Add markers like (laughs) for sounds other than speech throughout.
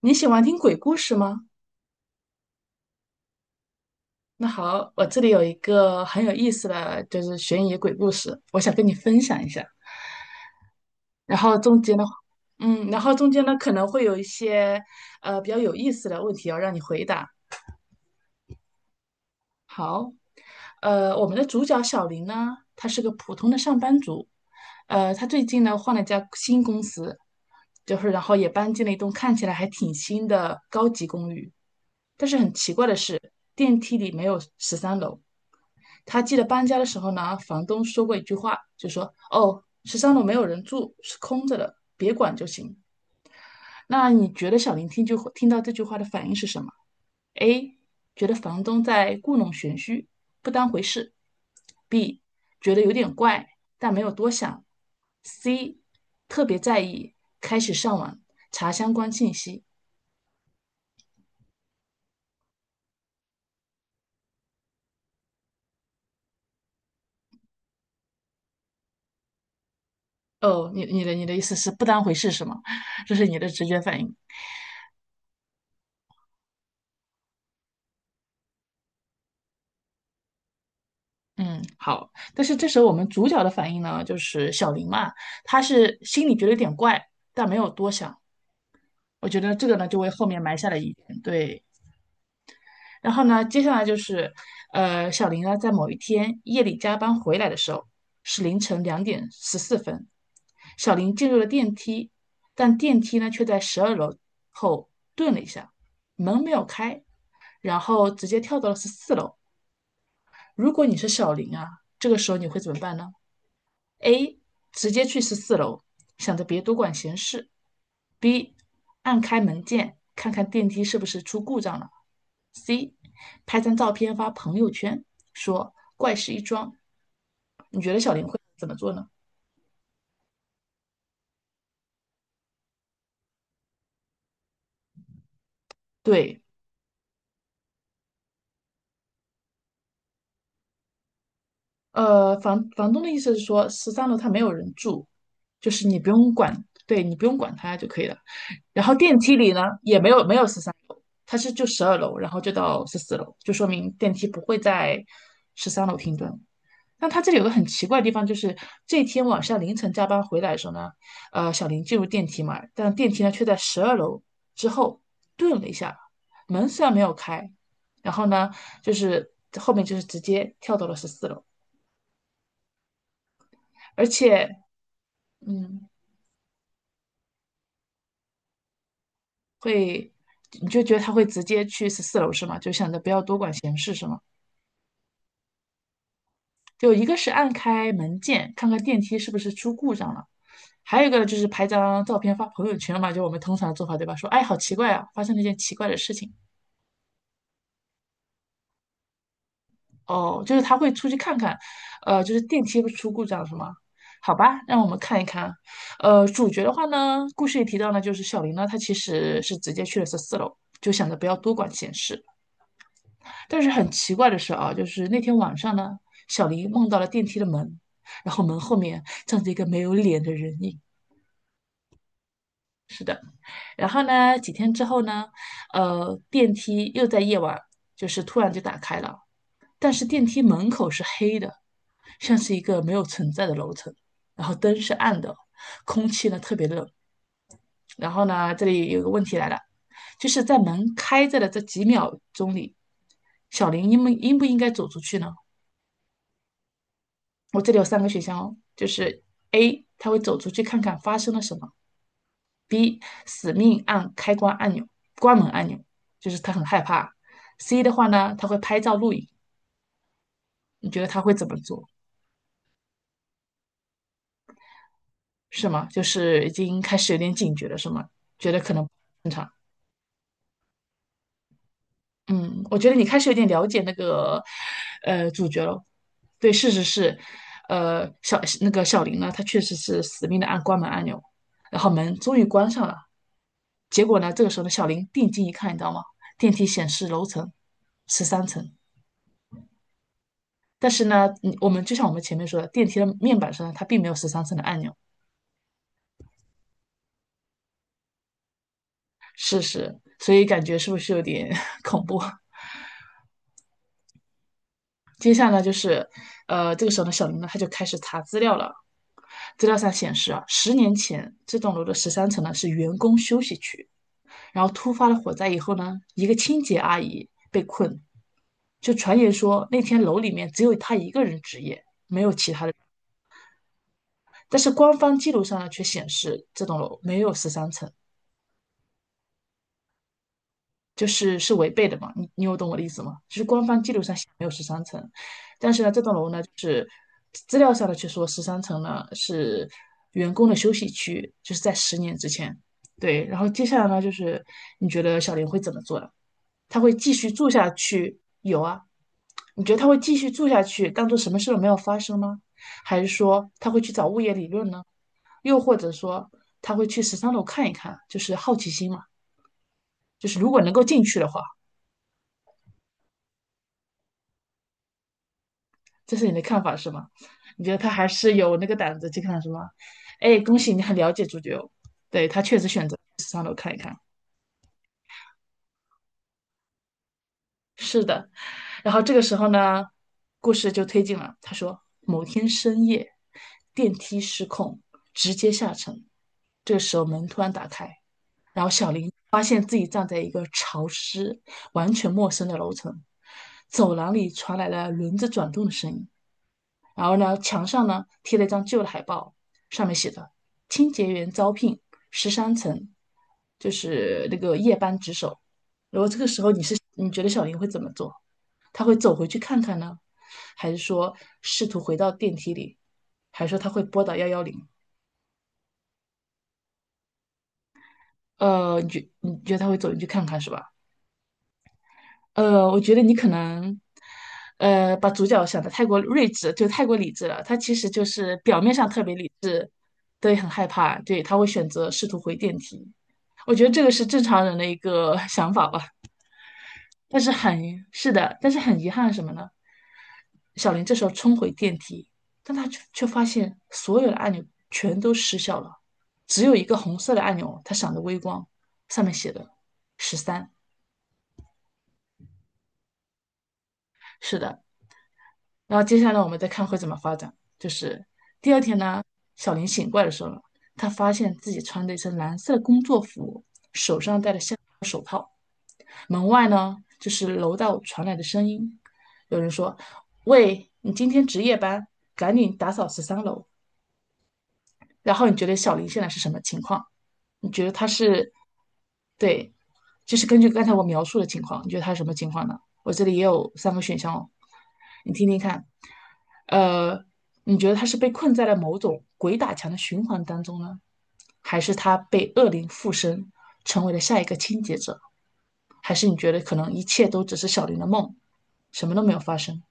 你喜欢听鬼故事吗？那好，我这里有一个很有意思的，就是悬疑鬼故事，我想跟你分享一下。然后中间呢，嗯，然后中间呢可能会有一些比较有意思的问题要让你回答。好，我们的主角小林呢，他是个普通的上班族，他最近呢换了一家新公司，就是然后也搬进了一栋看起来还挺新的高级公寓，但是很奇怪的是，电梯里没有十三楼。他记得搬家的时候呢，房东说过一句话，就说："哦，十三楼没有人住，是空着的，别管就行。"那你觉得小林听到这句话的反应是什么？A. 觉得房东在故弄玄虚，不当回事；B. 觉得有点怪，但没有多想；C. 特别在意，开始上网查相关信息。哦，你的意思是不当回事是吗？(laughs) 这是你的直觉反应。嗯，好。但是这时候我们主角的反应呢，就是小林嘛，他是心里觉得有点怪，但没有多想。我觉得这个呢，就为后面埋下了疑点对。然后呢，接下来就是，小林呢，在某一天夜里加班回来的时候，是凌晨2:14。小林进入了电梯，但电梯呢却在十二楼后顿了一下，门没有开，然后直接跳到了十四楼。如果你是小林啊，这个时候你会怎么办呢？：A. 直接去十四楼，想着别多管闲事；B. 按开门键，看看电梯是不是出故障了；C. 拍张照片发朋友圈，说怪事一桩。你觉得小林会怎么做呢？对，房东的意思是说，十三楼他没有人住，就是你不用管，对你不用管他就可以了。然后电梯里呢，也没有十三。它是就十二楼，然后就到十四楼，就说明电梯不会在十三楼停顿。但他这里有个很奇怪的地方，就是这天晚上凌晨加班回来的时候呢，小林进入电梯嘛，但电梯呢却在十二楼之后顿了一下，门虽然没有开，然后呢，就是后面就是直接跳到了十四楼，而且，嗯，会，你就觉得他会直接去十四楼是吗？就想着不要多管闲事是吗？就一个是按开门键，看看电梯是不是出故障了，还有一个呢就是拍张照片发朋友圈嘛，就我们通常的做法，对吧？说，哎，好奇怪啊，发生了一件奇怪的事情。哦，就是他会出去看看，就是电梯不是出故障了是吗？好吧，让我们看一看。主角的话呢，故事里提到呢，就是小林呢，他其实是直接去了十四楼，就想着不要多管闲事。但是很奇怪的是啊，就是那天晚上呢，小林梦到了电梯的门，然后门后面站着一个没有脸的人影。然后呢，几天之后呢，电梯又在夜晚就是突然就打开了，但是电梯门口是黑的，像是一个没有存在的楼层，然后灯是暗的，空气呢特别冷。然后呢，这里有个问题来了，就是在门开着的这几秒钟里，小林应不应该走出去呢？我这里有三个选项哦，就是 A,他会走出去看看发生了什么 B 死命按开关按钮、关门按钮，就是他很害怕。C 的话呢，他会拍照录影。你觉得他会怎么做？是吗？就是已经开始有点警觉了，是吗？觉得可能不正常。嗯，我觉得你开始有点了解那个主角了。对，事实是，小那个小林呢，他确实是死命的按关门按钮，然后门终于关上了。结果呢，这个时候呢，小林定睛一看，你知道吗？电梯显示楼层十三层。但是呢，我们就像我们前面说的，电梯的面板上它并没有十三层的按钮，是是，所以感觉是不是有点 (laughs) 恐怖？(laughs) 接下来就是，这个时候呢，小林呢他就开始查资料了。资料上显示啊，10年前这栋楼的十三层呢是员工休息区，然后突发了火灾以后呢，一个清洁阿姨被困，就传言说那天楼里面只有她一个人值夜，但是官方记录上呢却显示这栋楼没有十三层，就是是违背的嘛，你有懂我的意思吗？就是官方记录上写没有十三层，但是呢，这栋楼呢，就是资料上的却说十三层呢是员工的休息区，就是在10年之前。对，然后接下来呢，就是你觉得小林会怎么做呢？他会继续住下去？有啊，你觉得他会继续住下去，当做什么事都没有发生吗？还是说他会去找物业理论呢？又或者说他会去十三楼看一看，就是好奇心嘛，就是如果能够进去的话。这是你的看法是吗？你觉得他还是有那个胆子去看是吗？哎，恭喜你很了解主角哦，对，他确实选择上楼看一看。是的，然后这个时候呢，故事就推进了。他说，某天深夜，电梯失控，直接下沉。这个时候门突然打开，然后小林发现自己站在一个潮湿、完全陌生的楼层，走廊里传来了轮子转动的声音。然后呢，墙上呢贴了一张旧的海报，上面写着"清洁员招聘，十三层"，就是那个夜班值守。如果这个时候你觉得小林会怎么做？他会走回去看看呢，还是说试图回到电梯里，还是说他会拨打110？你觉得他会走进去看看是吧？我觉得你可能，把主角想的太过睿智，就太过理智了。他其实就是表面上特别理智，对，很害怕，对，他会选择试图回电梯。我觉得这个是正常人的一个 (laughs) 想法吧。但是很，是的，但是很遗憾是什么呢？小林这时候冲回电梯，但他却发现所有的按钮全都失效了，只有一个红色的按钮，它闪着微光，上面写的十三。是的，然后接下来我们再看会怎么发展。就是第二天呢，小林醒过来的时候，他发现自己穿着一身蓝色的工作服，手上戴着项链。门外呢，就是楼道传来的声音，有人说："喂，你今天值夜班，赶紧打扫十三楼。"然后你觉得小林现在是什么情况？你觉得他是，对，就是根据刚才我描述的情况，你觉得他是什么情况呢？我这里也有三个选项哦，你听听看。呃，你觉得他是被困在了某种鬼打墙的循环当中呢，还是他被恶灵附身，成为了下一个清洁者？还是你觉得可能一切都只是小林的梦，什么都没有发生？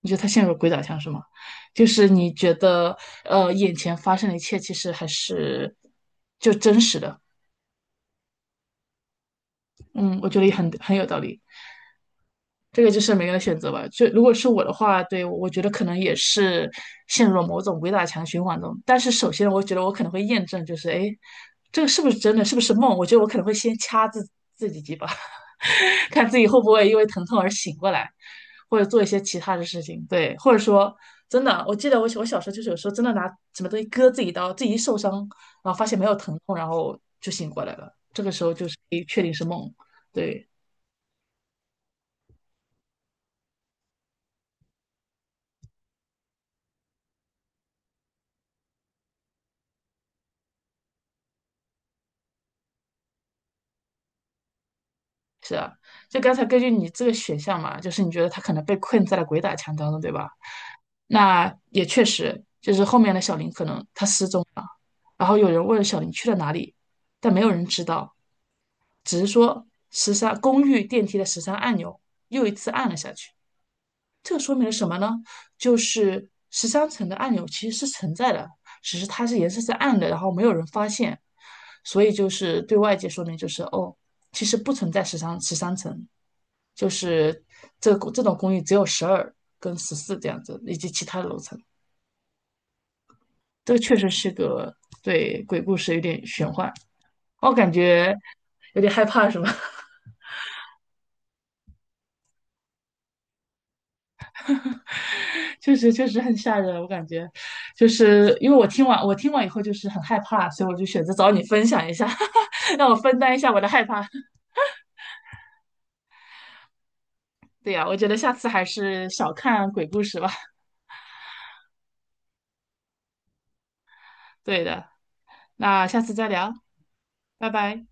你觉得他陷入了鬼打墙是吗？就是你觉得眼前发生的一切其实还是就真实的。嗯，我觉得也很有道理。这个就是每个人的选择吧。就如果是我的话，对，我觉得可能也是陷入了某种鬼打墙循环中。但是首先，我觉得我可能会验证，就是哎，诶这个是不是真的？是不是梦？我觉得我可能会先掐自己几把，(laughs) 看自己会不会因为疼痛而醒过来。或者做一些其他的事情，对，或者说真的，我记得我小时候就是有时候真的拿什么东西割自己刀，自己一受伤，然后发现没有疼痛，然后就醒过来了，这个时候就是可以确定是梦，对，是啊，就刚才根据你这个选项嘛，就是你觉得他可能被困在了鬼打墙当中，对吧？那也确实，就是后面的小林可能他失踪了，然后有人问小林去了哪里，但没有人知道，只是说十三公寓电梯的十三按钮又一次按了下去。这说明了什么呢？就是十三层的按钮其实是存在的，只是它是颜色是暗的，然后没有人发现，所以就是对外界说明就是哦，其实不存在十三层，就是这种公寓只有十二跟十四这样子，以及其他的楼层。这个确实是个对鬼故事有点玄幻，我感觉有点害怕，是吗？(laughs) 确实确实很吓人，我感觉，就是因为我听完以后就是很害怕，所以我就选择找你分享一下，(laughs) 让我分担一下我的害怕。对呀，我觉得下次还是少看鬼故事吧。对的，那下次再聊，拜拜。